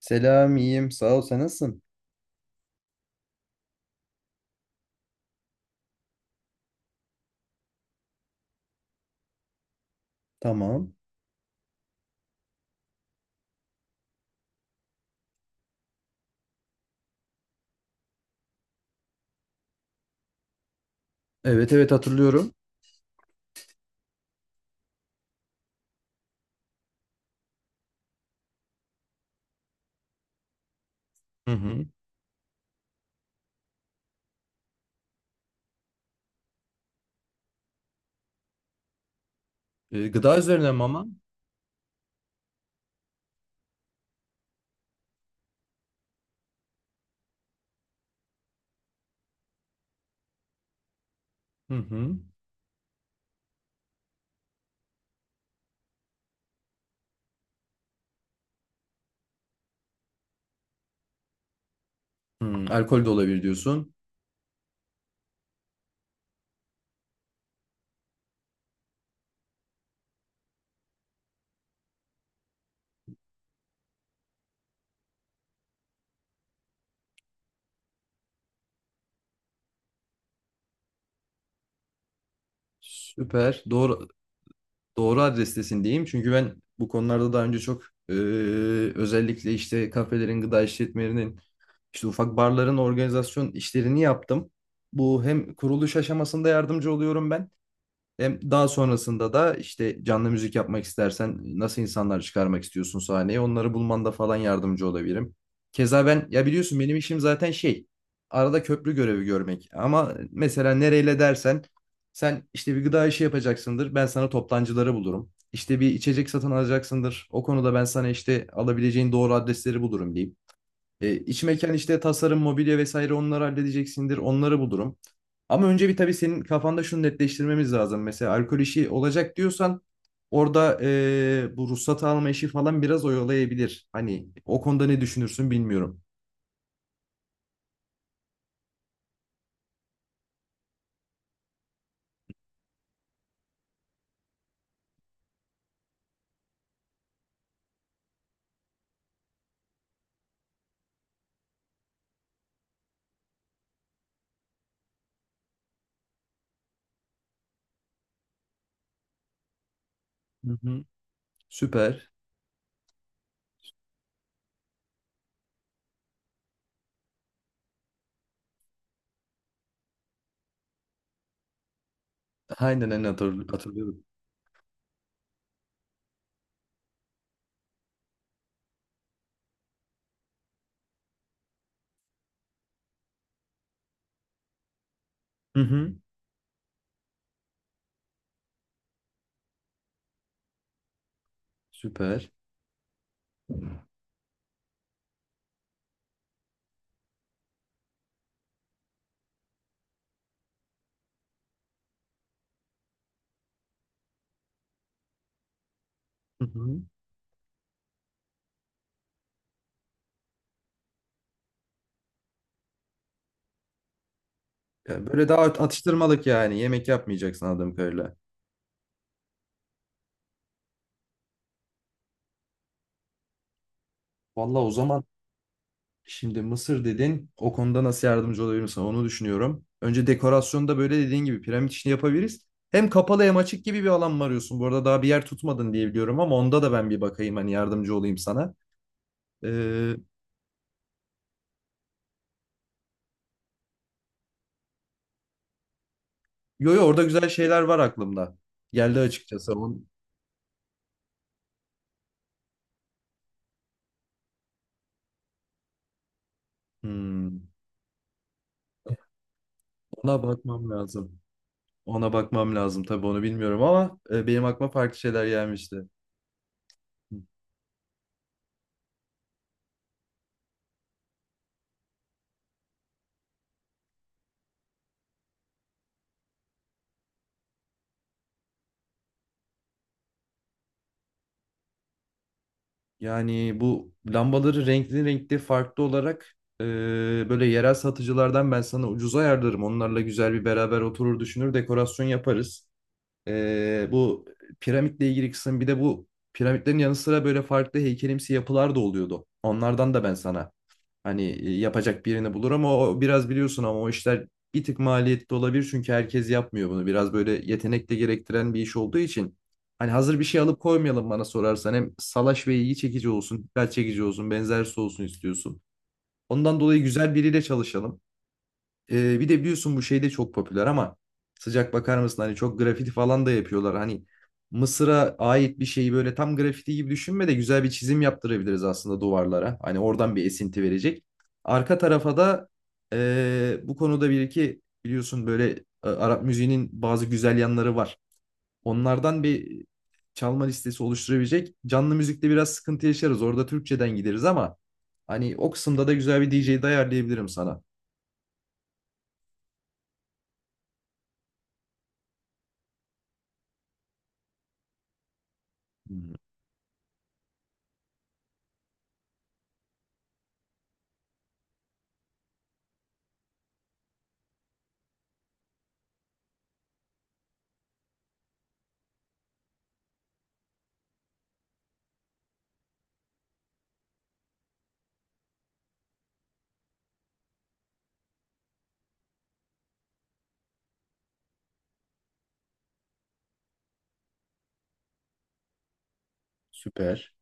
Selam, iyiyim. Sağ ol. Sen nasılsın? Tamam. Evet evet hatırlıyorum. Hı hı. E, gıda üzerine mi ama? Hı hı. Hı, alkol de olabilir diyorsun. Süper. Doğru doğru adrestesin diyeyim. Çünkü ben bu konularda daha önce çok e, özellikle işte kafelerin, gıda işletmelerinin, işte ufak barların organizasyon işlerini yaptım. Bu hem kuruluş aşamasında yardımcı oluyorum ben. Hem daha sonrasında da işte canlı müzik yapmak istersen nasıl insanlar çıkarmak istiyorsun sahneye onları bulmanda falan yardımcı olabilirim. Keza ben ya biliyorsun benim işim zaten şey arada köprü görevi görmek ama mesela nereyle dersen sen işte bir gıda işi yapacaksındır ben sana toptancıları bulurum. İşte bir içecek satın alacaksındır o konuda ben sana işte alabileceğin doğru adresleri bulurum diyeyim. E, iç mekan işte tasarım, mobilya vesaire onları halledeceksindir. Onları bulurum. Ama önce bir tabii senin kafanda şunu netleştirmemiz lazım. Mesela alkol işi olacak diyorsan orada bu ruhsat alma işi falan biraz oyalayabilir. Hani o konuda ne düşünürsün bilmiyorum. Hı hı. Süper. Aynen aynen hatırlıyorum. Hı hı. Süper. Hı hı. Ya böyle daha atıştırmalık yani. Yemek yapmayacaksın anladığım kadarıyla. Vallahi o zaman şimdi Mısır dedin. O konuda nasıl yardımcı olabilirim sana onu düşünüyorum. Önce dekorasyonda böyle dediğin gibi piramit işini yapabiliriz. Hem kapalı hem açık gibi bir alan mı arıyorsun? Bu arada daha bir yer tutmadın diye biliyorum ama onda da ben bir bakayım hani yardımcı olayım sana. Ee, yo yo orada güzel şeyler var aklımda. Geldi açıkçası. On, hmm, ona bakmam lazım. Ona bakmam lazım tabii onu bilmiyorum ama benim aklıma farklı şeyler gelmişti. Hı. Yani bu lambaları renkli renkli farklı olarak böyle yerel satıcılardan ben sana ucuza ayarlarım. Onlarla güzel bir beraber oturur düşünür dekorasyon yaparız. Bu piramitle ilgili kısım bir de bu piramitlerin yanı sıra böyle farklı heykelimsi yapılar da oluyordu. Onlardan da ben sana hani yapacak birini bulur ama o biraz biliyorsun ama o işler bir tık maliyetli olabilir çünkü herkes yapmıyor bunu. Biraz böyle yetenek de gerektiren bir iş olduğu için hani hazır bir şey alıp koymayalım bana sorarsan hem salaş ve ilgi çekici olsun, dikkat çekici olsun, benzersiz olsun istiyorsun. Ondan dolayı güzel biriyle çalışalım. Bir de biliyorsun bu şey de çok popüler ama sıcak bakar mısın hani çok grafiti falan da yapıyorlar. Hani Mısır'a ait bir şeyi böyle tam grafiti gibi düşünme de güzel bir çizim yaptırabiliriz aslında duvarlara. Hani oradan bir esinti verecek. Arka tarafa da bu konuda bir iki biliyorsun böyle Arap müziğinin bazı güzel yanları var. Onlardan bir çalma listesi oluşturabilecek. Canlı müzikte biraz sıkıntı yaşarız. Orada Türkçeden gideriz ama hani o kısımda da güzel bir DJ de ayarlayabilirim sana. Hmm. Süper.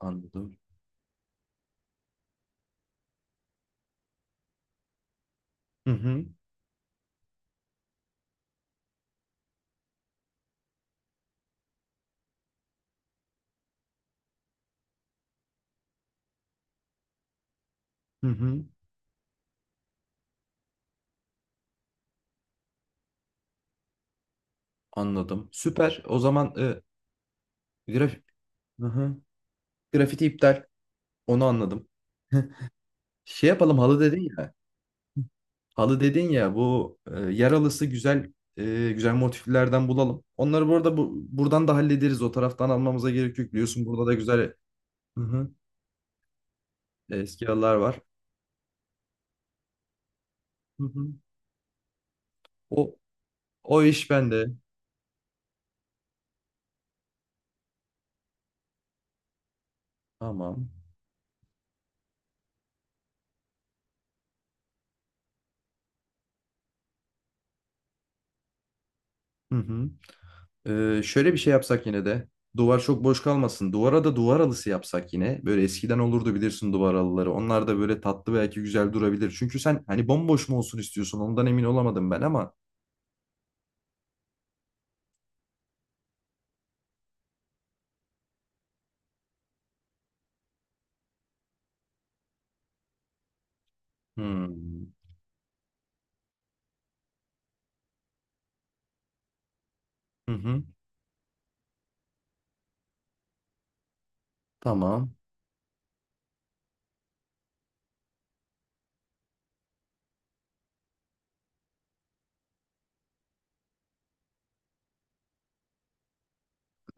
Anladım. Hı hı. Hı hı. Anladım. Süper. O zaman e, graf Hı hı, grafiti iptal. Onu anladım. Şey yapalım halı dedin ya. Halı dedin ya bu yer halısı güzel güzel motiflerden bulalım. Onları bu arada buradan da hallederiz. O taraftan almamıza gerek yok. Biliyorsun burada da güzel hı hı, eski halılar var. Hı hı. O o iş bende. Tamam. Hı hı. Şöyle bir şey yapsak yine de. Duvar çok boş kalmasın. Duvara da duvar halısı yapsak yine. Böyle eskiden olurdu bilirsin duvar halıları. Onlar da böyle tatlı belki güzel durabilir. Çünkü sen hani bomboş mu olsun istiyorsun? Ondan emin olamadım ben ama. Hmm. Hı hı. Tamam.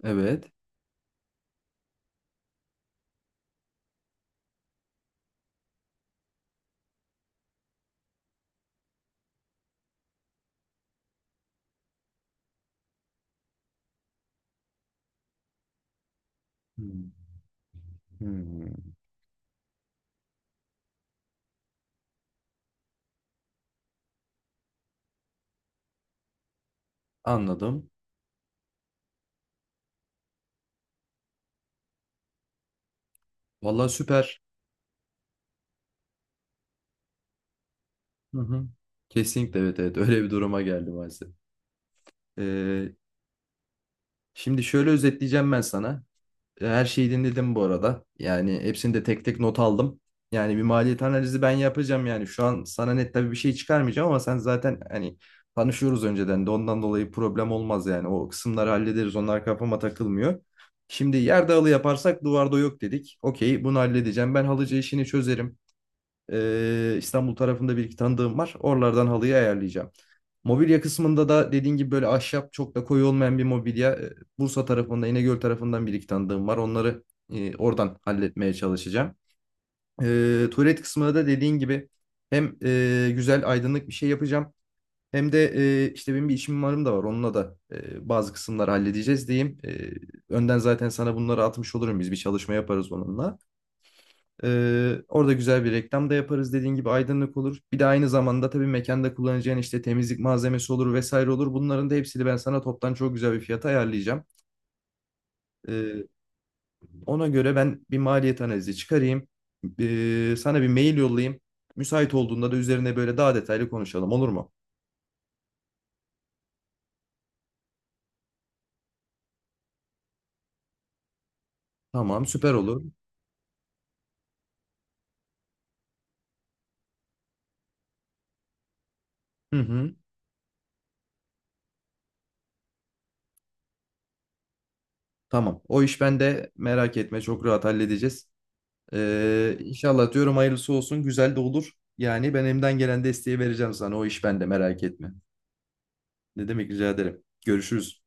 Evet. Hmm. Hmm. Anladım. Vallahi süper. Hı hı. Kesinlikle evet evet. Öyle bir duruma geldi maalesef. Ee, şimdi şöyle özetleyeceğim ben sana. Her şeyi dinledim bu arada. Yani hepsini de tek tek not aldım. Yani bir maliyet analizi ben yapacağım yani. Şu an sana net tabii bir şey çıkarmayacağım ama sen zaten hani tanışıyoruz önceden de ondan dolayı problem olmaz yani. O kısımları hallederiz. Onlar kafama takılmıyor. Şimdi yerde halı yaparsak duvarda yok dedik. Okey bunu halledeceğim. Ben halıcı işini çözerim. İstanbul tarafında bir iki tanıdığım var. Oralardan halıyı ayarlayacağım. Mobilya kısmında da dediğin gibi böyle ahşap çok da koyu olmayan bir mobilya. Bursa tarafında, İnegöl tarafından bir iki tanıdığım var. Onları oradan halletmeye çalışacağım. E, tuvalet kısmında da dediğin gibi hem güzel aydınlık bir şey yapacağım. Hem de işte benim bir işim mimarım da var. Onunla da bazı kısımları halledeceğiz diyeyim. Önden zaten sana bunları atmış olurum. Biz bir çalışma yaparız onunla. Orada güzel bir reklam da yaparız dediğin gibi aydınlık olur. Bir de aynı zamanda tabii mekanda kullanacağın işte temizlik malzemesi olur vesaire olur. Bunların da hepsini ben sana toptan çok güzel bir fiyata ayarlayacağım. Ee, ona göre ben bir maliyet analizi çıkarayım. Sana bir mail yollayayım. Müsait olduğunda da üzerine böyle daha detaylı konuşalım olur mu? Tamam süper olur. Hı hı, tamam o iş bende merak etme çok rahat halledeceğiz. İnşallah diyorum hayırlısı olsun güzel de olur. Yani ben elimden gelen desteği vereceğim sana o iş bende merak etme. Ne demek rica ederim. Görüşürüz.